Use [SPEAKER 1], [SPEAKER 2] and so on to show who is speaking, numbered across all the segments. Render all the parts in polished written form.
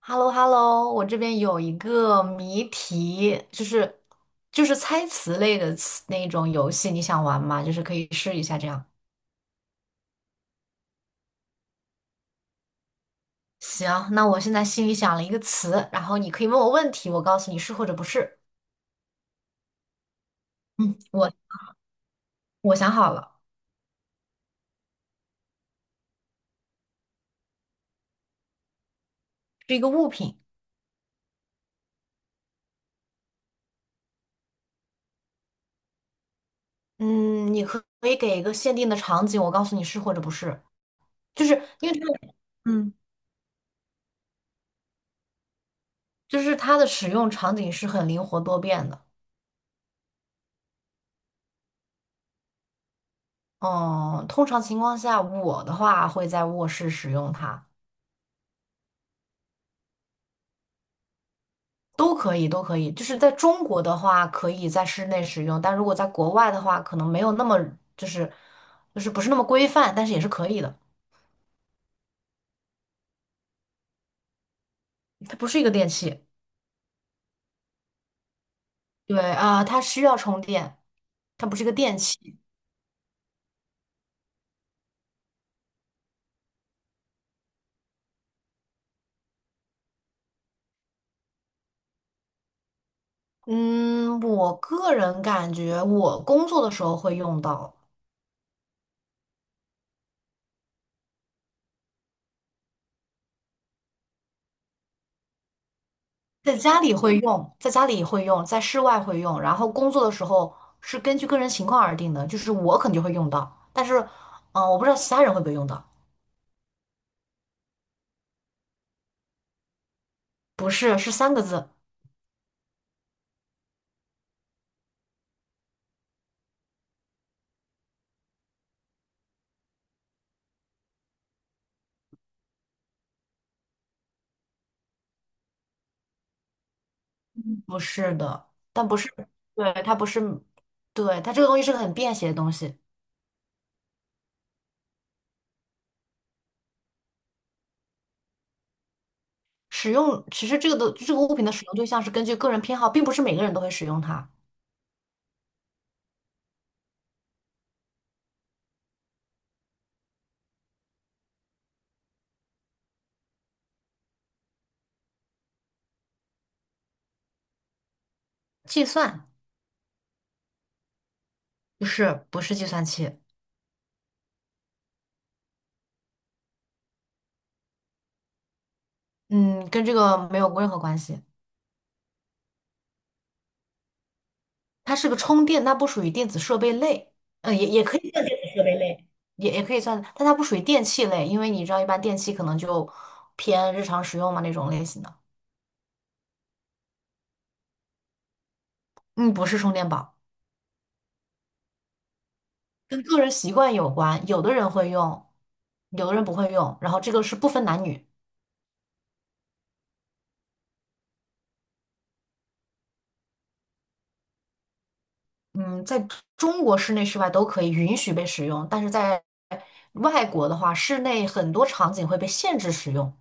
[SPEAKER 1] h e l l o h e l l o 我这边有一个谜题，就是猜词类的词那种游戏，你想玩吗？就是可以试一下这样。行，那我现在心里想了一个词，然后你可以问我问题，我告诉你是或者不是。嗯，我想好了，是一个物品。嗯，你可以给一个限定的场景，我告诉你是或者不是，就是因为这个，嗯，就是它的使用场景是很灵活多变的。嗯，通常情况下，我的话会在卧室使用它。都可以，都可以。就是在中国的话，可以在室内使用，但如果在国外的话，可能没有那么就是不是那么规范，但是也是可以的。它不是一个电器，对啊，它需要充电，它不是一个电器。嗯，我个人感觉我工作的时候会用到，在家里会用，在家里会用，在室外会用，然后工作的时候是根据个人情况而定的，就是我肯定会用到，但是我不知道其他人会不会用到。不是，是三个字。不是的，但不是，对，它不是，对，它这个东西是个很便携的东西。使用其实这个的这个物品的使用对象是根据个人偏好，并不是每个人都会使用它。计算不是不是计算器，嗯，跟这个没有任何关系。它是个充电，它不属于电子设备类，嗯，也可以算电子设备类，也可以算，但它不属于电器类，因为你知道一般电器可能就偏日常使用嘛那种类型的。嗯，不是充电宝。跟个人习惯有关，有的人会用，有的人不会用，然后这个是不分男女，嗯，在中国室内室外都可以允许被使用，但是在外国的话，室内很多场景会被限制使用。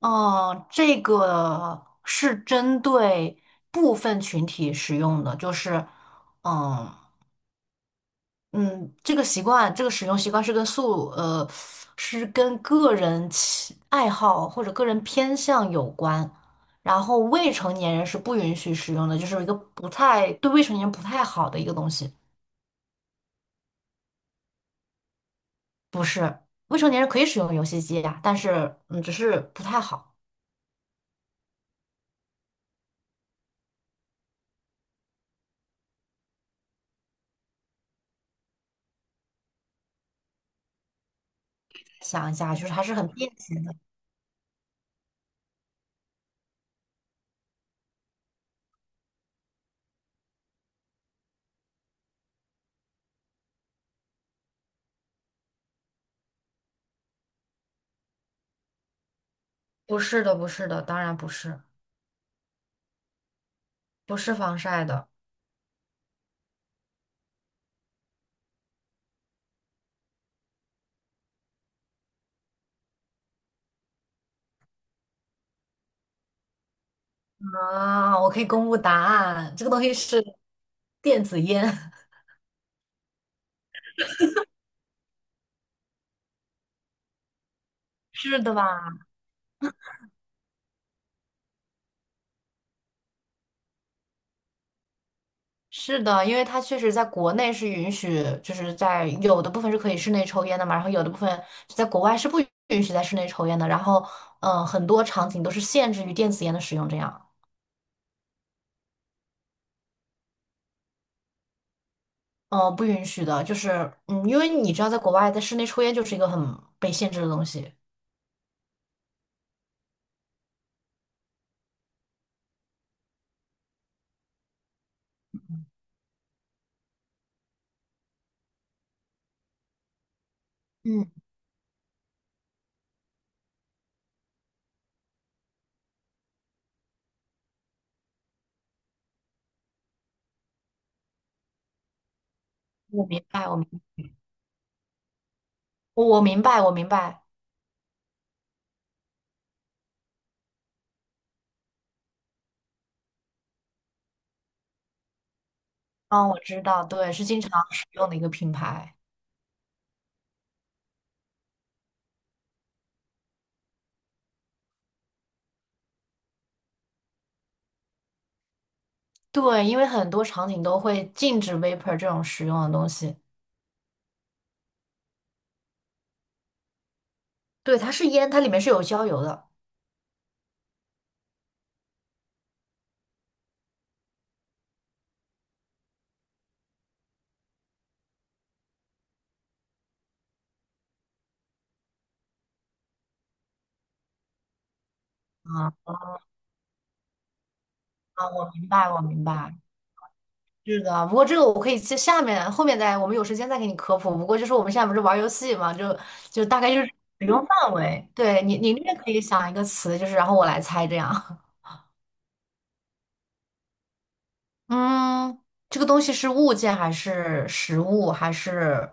[SPEAKER 1] 哦，这个是针对部分群体使用的，就是，嗯。嗯，这个习惯，这个使用习惯是跟素，是跟个人喜爱好或者个人偏向有关。然后未成年人是不允许使用的，就是一个不太，对未成年人不太好的一个东西。是未成年人可以使用游戏机呀，但是嗯，只是不太好。想一下，就是还是很便携的。不是的，不是的，当然不是，不是防晒的。啊！我可以公布答案，这个东西是电子烟，是的吧？是的，因为它确实在国内是允许，就是在有的部分是可以室内抽烟的嘛，然后有的部分在国外是不允许在室内抽烟的，然后很多场景都是限制于电子烟的使用，这样不允许的，就是嗯，因为你知道在国外在室内抽烟就是一个很被限制的东西。嗯，我明白，我明白，我明白，嗯，我知道，对，是经常使用的一个品牌，对，因为很多场景都会禁止 vapor 这种使用的东西，对，它是烟，它里面是有焦油的。啊。啊，我明白，我明白。是的，不过这个我可以在下面后面再，我们有时间再给你科普。不过就是我们现在不是玩游戏嘛，就大概就是使用范围。对你，你那边可以想一个词，就是然后我来猜这样。嗯，这个东西是物件还是实物，还是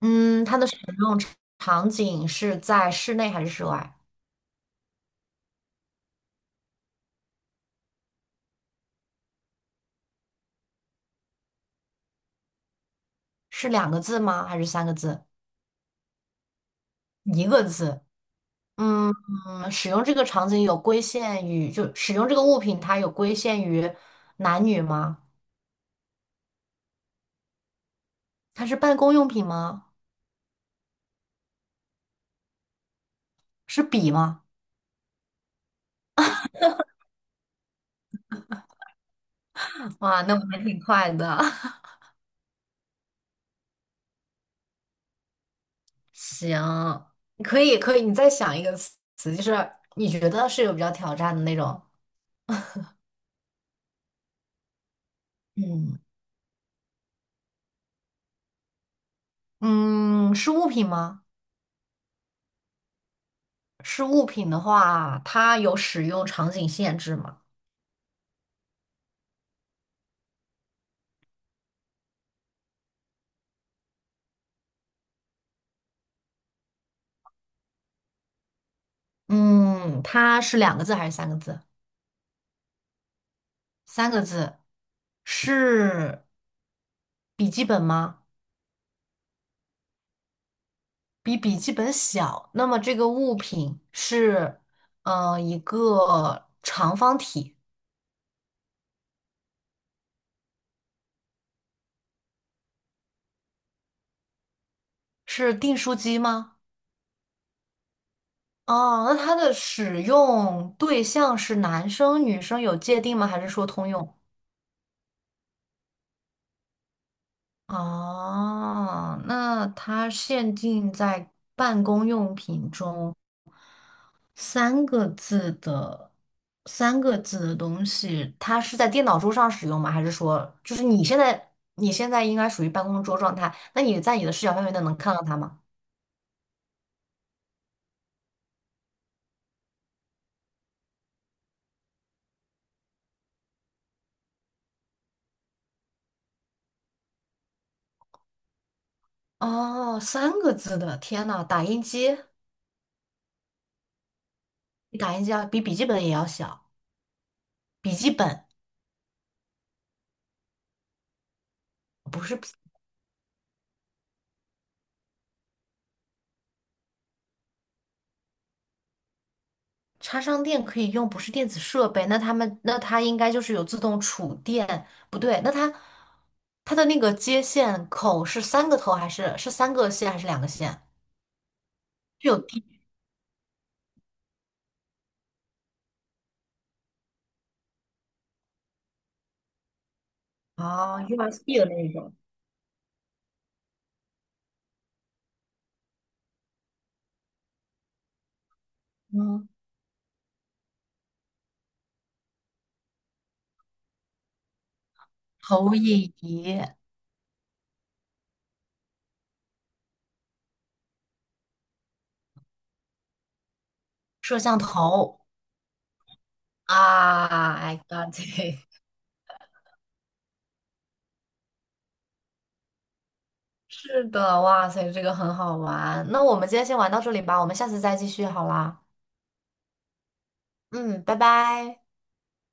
[SPEAKER 1] 嗯，它的使用场景是在室内还是室外？是两个字吗？还是三个字？一个字。嗯，使用这个场景有规限于，就使用这个物品，它有规限于男女吗？它是办公用品吗？是笔吗？哇，那我还挺快的。行，可以可以，你再想一个词，就是你觉得是有比较挑战的那种。嗯嗯，是物品吗？是物品的话，它有使用场景限制吗？嗯，它是两个字还是三个字？三个字，是笔记本吗？比笔记本小，那么这个物品是，呃，一个长方体，是订书机吗？哦，那它的使用对象是男生、女生有界定吗？还是说通用？哦，那它限定在办公用品中，三个字的三个字的东西，它是在电脑桌上使用吗？还是说，就是你现在应该属于办公桌状态？那你在你的视角范围内能看到它吗？哦，三个字的，天呐，打印机比打印机要比笔记本也要小，笔记本不是插上电可以用，不是电子设备，那他们那它应该就是有自动储电，不对，那它的那个接线口是三个头还是三个线还是两个线？是有。哦，USB 的那一种，嗯，投影仪、摄像头。啊，I got it，是的，哇塞，这个很好玩。那我们今天先玩到这里吧，我们下次再继续好啦。嗯，拜拜。